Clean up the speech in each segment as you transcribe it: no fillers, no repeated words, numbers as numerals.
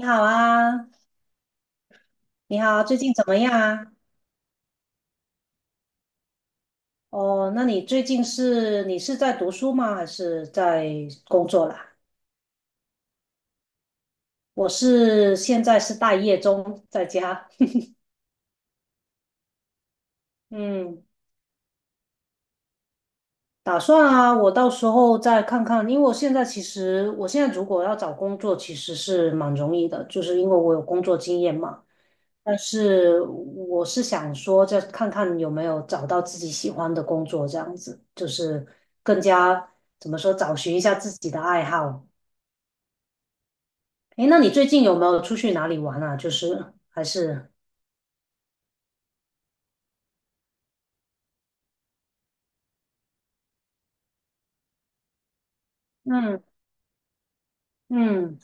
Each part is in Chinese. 你好啊，你好，最近怎么样啊？哦，那你最近你是在读书吗？还是在工作啦？我现在是待业中，在家。嗯，打算啊，我到时候再看看，因为我现在如果要找工作，其实是蛮容易的，就是因为我有工作经验嘛。但是我是想说，再看看有没有找到自己喜欢的工作，这样子就是更加怎么说，找寻一下自己的爱好。诶，那你最近有没有出去哪里玩啊？就是还是嗯嗯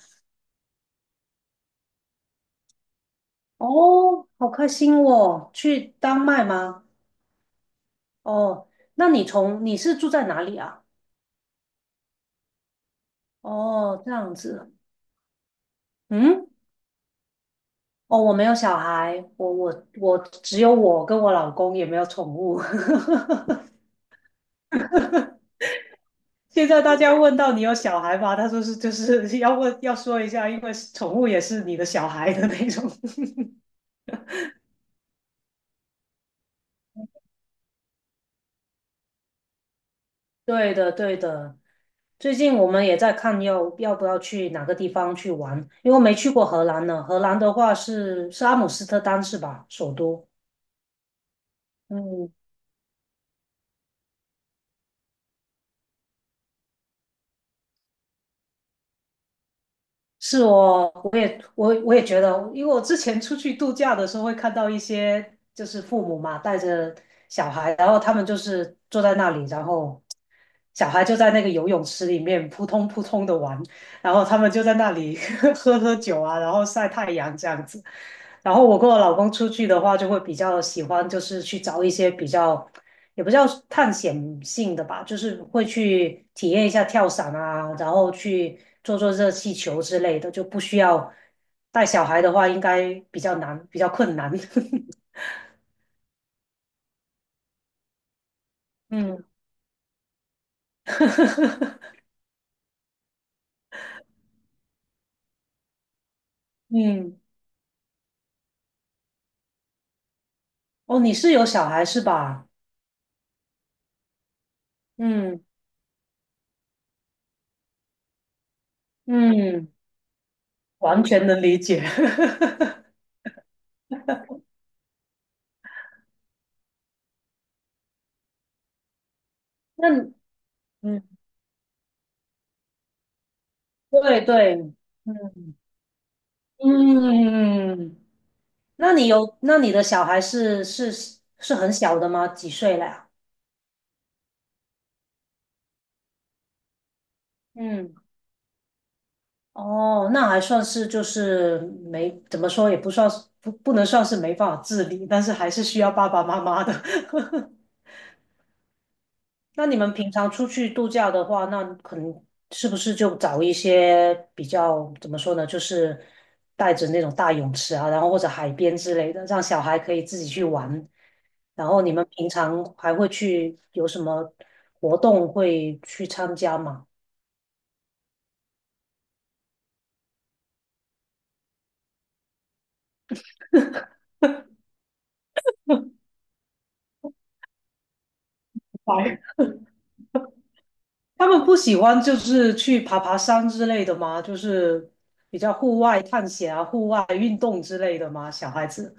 哦，好开心哦，去丹麦吗？哦，那你是住在哪里啊？哦，这样子，嗯，哦，我没有小孩，我只有我跟我老公，也没有宠物。现在大家问到你有小孩吗？他说是，就是要问要说一下，因为宠物也是你的小孩的那种。对的，对的。最近我们也在看要不要去哪个地方去玩，因为没去过荷兰呢。荷兰的话是阿姆斯特丹是吧？首都。嗯，是哦，我也觉得，因为我之前出去度假的时候会看到一些就是父母嘛带着小孩，然后他们就是坐在那里，然后小孩就在那个游泳池里面扑通扑通的玩，然后他们就在那里 喝喝酒啊，然后晒太阳这样子。然后我跟我老公出去的话，就会比较喜欢就是去找一些比较也不叫探险性的吧，就是会去体验一下跳伞啊，然后去做做热气球之类的，就不需要带小孩的话，应该比较难，比较困难。嗯 嗯，哦，你是有小孩是吧？嗯嗯，完全能理解。那嗯，对对，嗯嗯，那你有，那你的小孩是很小的吗？几岁了呀？嗯。哦，那还算是就是没怎么说，也不算是不能算是没办法自理，但是还是需要爸爸妈妈的。那你们平常出去度假的话，那可能是不是就找一些比较怎么说呢，就是带着那种大泳池啊，然后或者海边之类的，让小孩可以自己去玩。然后你们平常还会去有什么活动会去参加吗？白他们不喜欢就是去爬爬山之类的吗？就是比较户外探险啊、户外运动之类的吗？小孩子，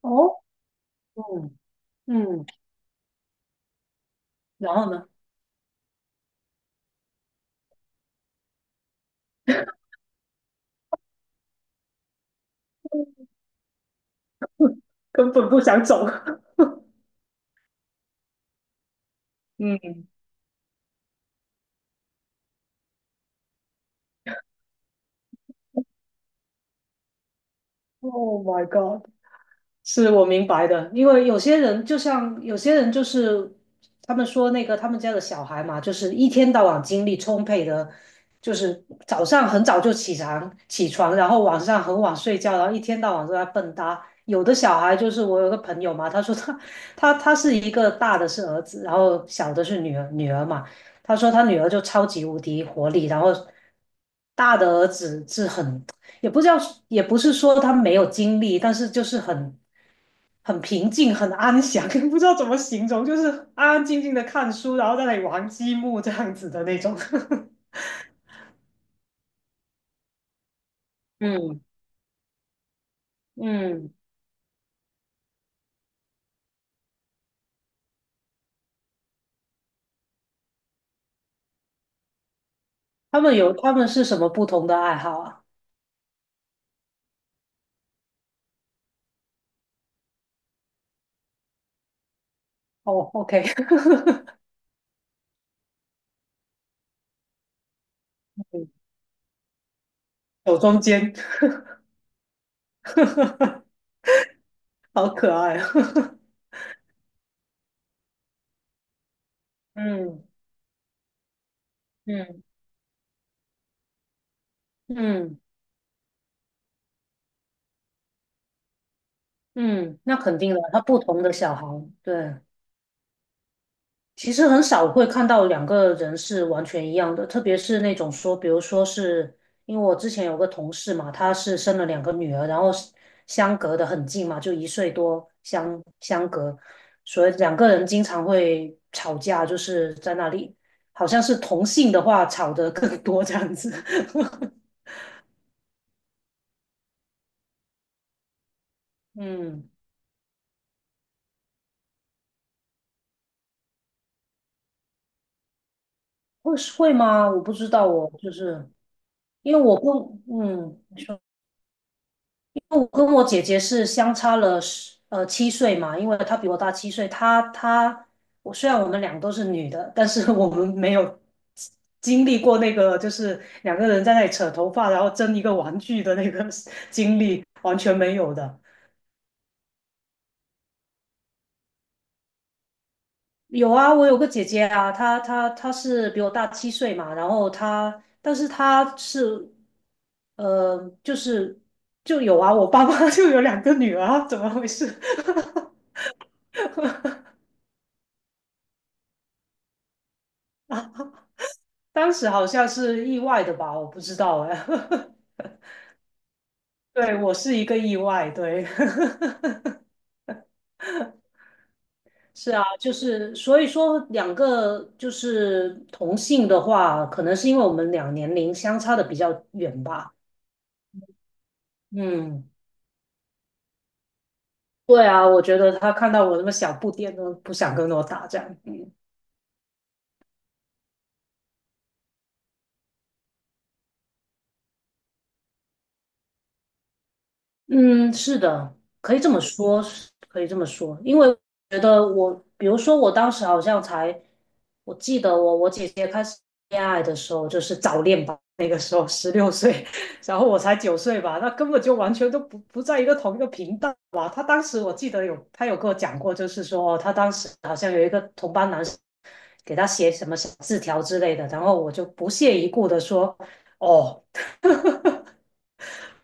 哦，嗯嗯，然后呢，根本不想走，嗯。Oh my God！是我明白的，因为有些人就像有些人就是他们说那个他们家的小孩嘛，就是一天到晚精力充沛的，就是早上很早就起床，然后晚上很晚睡觉，然后一天到晚都在蹦跶。有的小孩就是我有个朋友嘛，他说他是一个大的是儿子，然后小的是女儿嘛，他说他女儿就超级无敌活力，然后大的儿子是很也不知道，也不是说他没有精力，但是就是很平静、很安详，不知道怎么形容，就是安安静静的看书，然后在那里玩积木这样子的那种。嗯嗯，他们有他们是什么不同的爱好啊？哦，OK，嗯手中间，好可爱啊。嗯嗯嗯嗯，那肯定的，他不同的小孩，对。其实很少会看到两个人是完全一样的，特别是那种说，比如说是因为我之前有个同事嘛，她是生了两个女儿，然后是相隔的很近嘛，就一岁多相隔，所以两个人经常会吵架，就是在那里，好像是同性的话吵得更多这样子。嗯，会会吗？我不知道哦，我就是因为我不，嗯。说。我跟我姐姐是相差了七岁嘛，因为她比我大七岁。她她我虽然我们俩都是女的，但是我们没有经历过那个就是两个人在那里扯头发，然后争一个玩具的那个 经历，完全没有的。有啊，我有个姐姐啊，她是比我大七岁嘛，然后她但是她是呃就是就有啊，我爸妈 就有两个女儿啊怎么回事？当时好像是意外的吧，我不知道哎。对，我是一个意外，对，是啊，就是所以说两个就是同性的话，可能是因为我们俩年龄相差的比较远吧。嗯，对啊，我觉得他看到我那么小不点都不想跟我打这样。嗯嗯，是的，可以这么说，是可以这么说，因为我觉得我，比如说我当时好像才，我记得我姐姐开始恋爱的时候就是早恋吧，那个时候16岁，然后我才9岁吧，那根本就完全都不在一个同一个频道吧。她当时我记得有她有跟我讲过，就是说哦她当时好像有一个同班男生给她写什么小字条之类的，然后我就不屑一顾的说哦，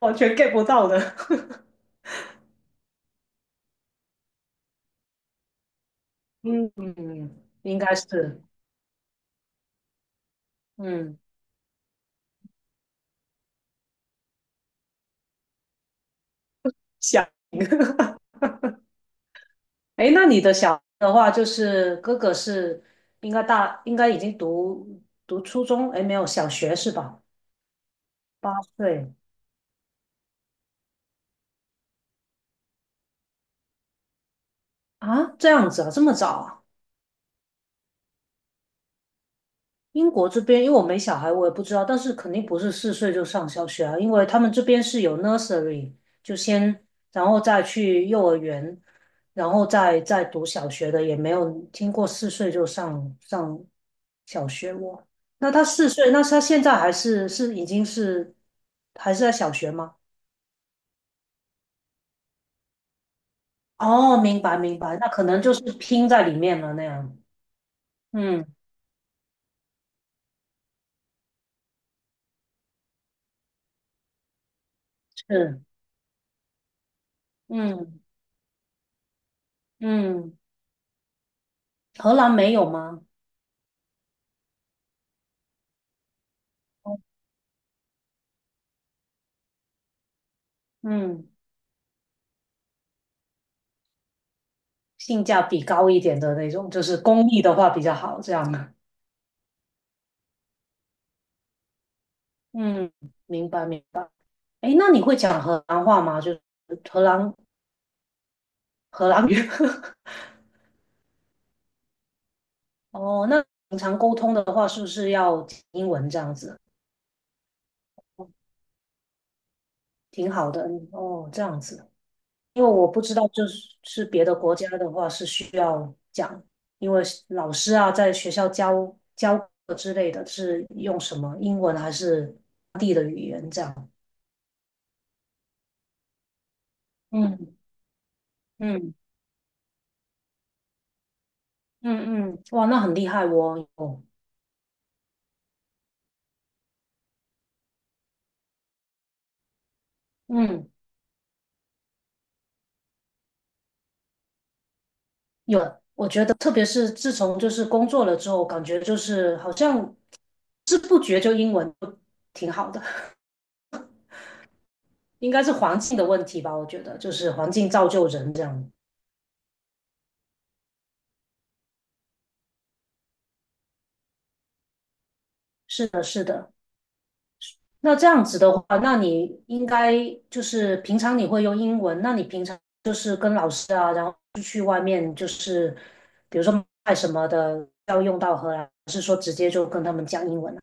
完全 get 不到的。嗯，应该是，嗯，想。哎，那你的小孩的话，就是哥哥是应该大，应该已经读初中，哎，没有小学是吧？8岁啊，这样子啊，这么早啊？英国这边，因为我没小孩，我也不知道，但是肯定不是四岁就上小学啊，因为他们这边是有 nursery，就先，然后再去幼儿园，然后再读小学的，也没有听过四岁就上小学我。那他四岁，那他现在还是是已经是还是在小学吗？哦，明白明白，那可能就是拼在里面了那样。嗯，是，嗯嗯，荷兰没有吗？嗯。性价比高一点的那种，就是公益的话比较好，这样的嗯，明白明白。哎，那你会讲荷兰话吗？就是荷兰荷兰语。哦，那平常沟通的话，是不是要讲英文这样子？挺好的哦，这样子。因为我不知道，就是别的国家的话是需要讲，因为老师啊在学校教课之类的，是用什么英文还是？嗯嗯嗯嗯，哇，那很厉害哦。嗯，有，我觉得特别是自从就是工作了之后，感觉就是好像不知不觉就英文就挺好的，应该是环境的问题吧？我觉得就是环境造就人这样。是的，是的。那这样子的话，那你应该就是平常你会用英文，那你平常就是跟老师啊，然后去外面就是比如说卖什么的要用到荷兰，还是说直接就跟他们讲英文啊？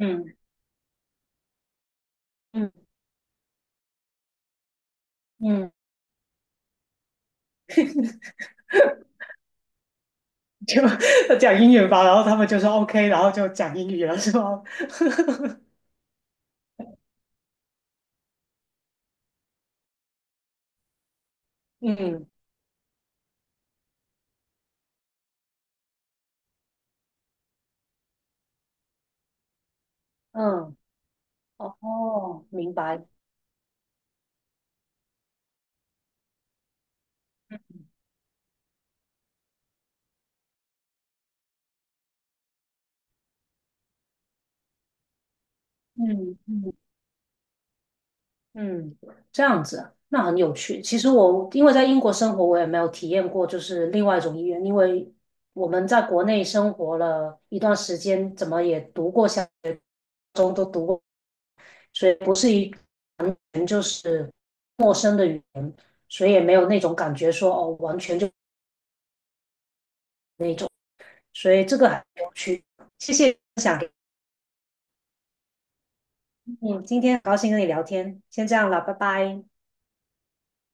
嗯嗯嗯。要讲英语吧，然后他们就说 OK，然后就讲英语了，是吗？嗯嗯，哦，哦，明白，嗯嗯嗯，这样子啊，那很有趣。其实我因为在英国生活，我也没有体验过就是另外一种语言，因为我们在国内生活了一段时间，怎么也读过小学、初中都读过，所以不是一是陌生的语言，所以也没有那种感觉说哦，完全就，所以这个很有趣。谢谢。嗯，今天很高兴跟你聊天，先这样了，拜拜。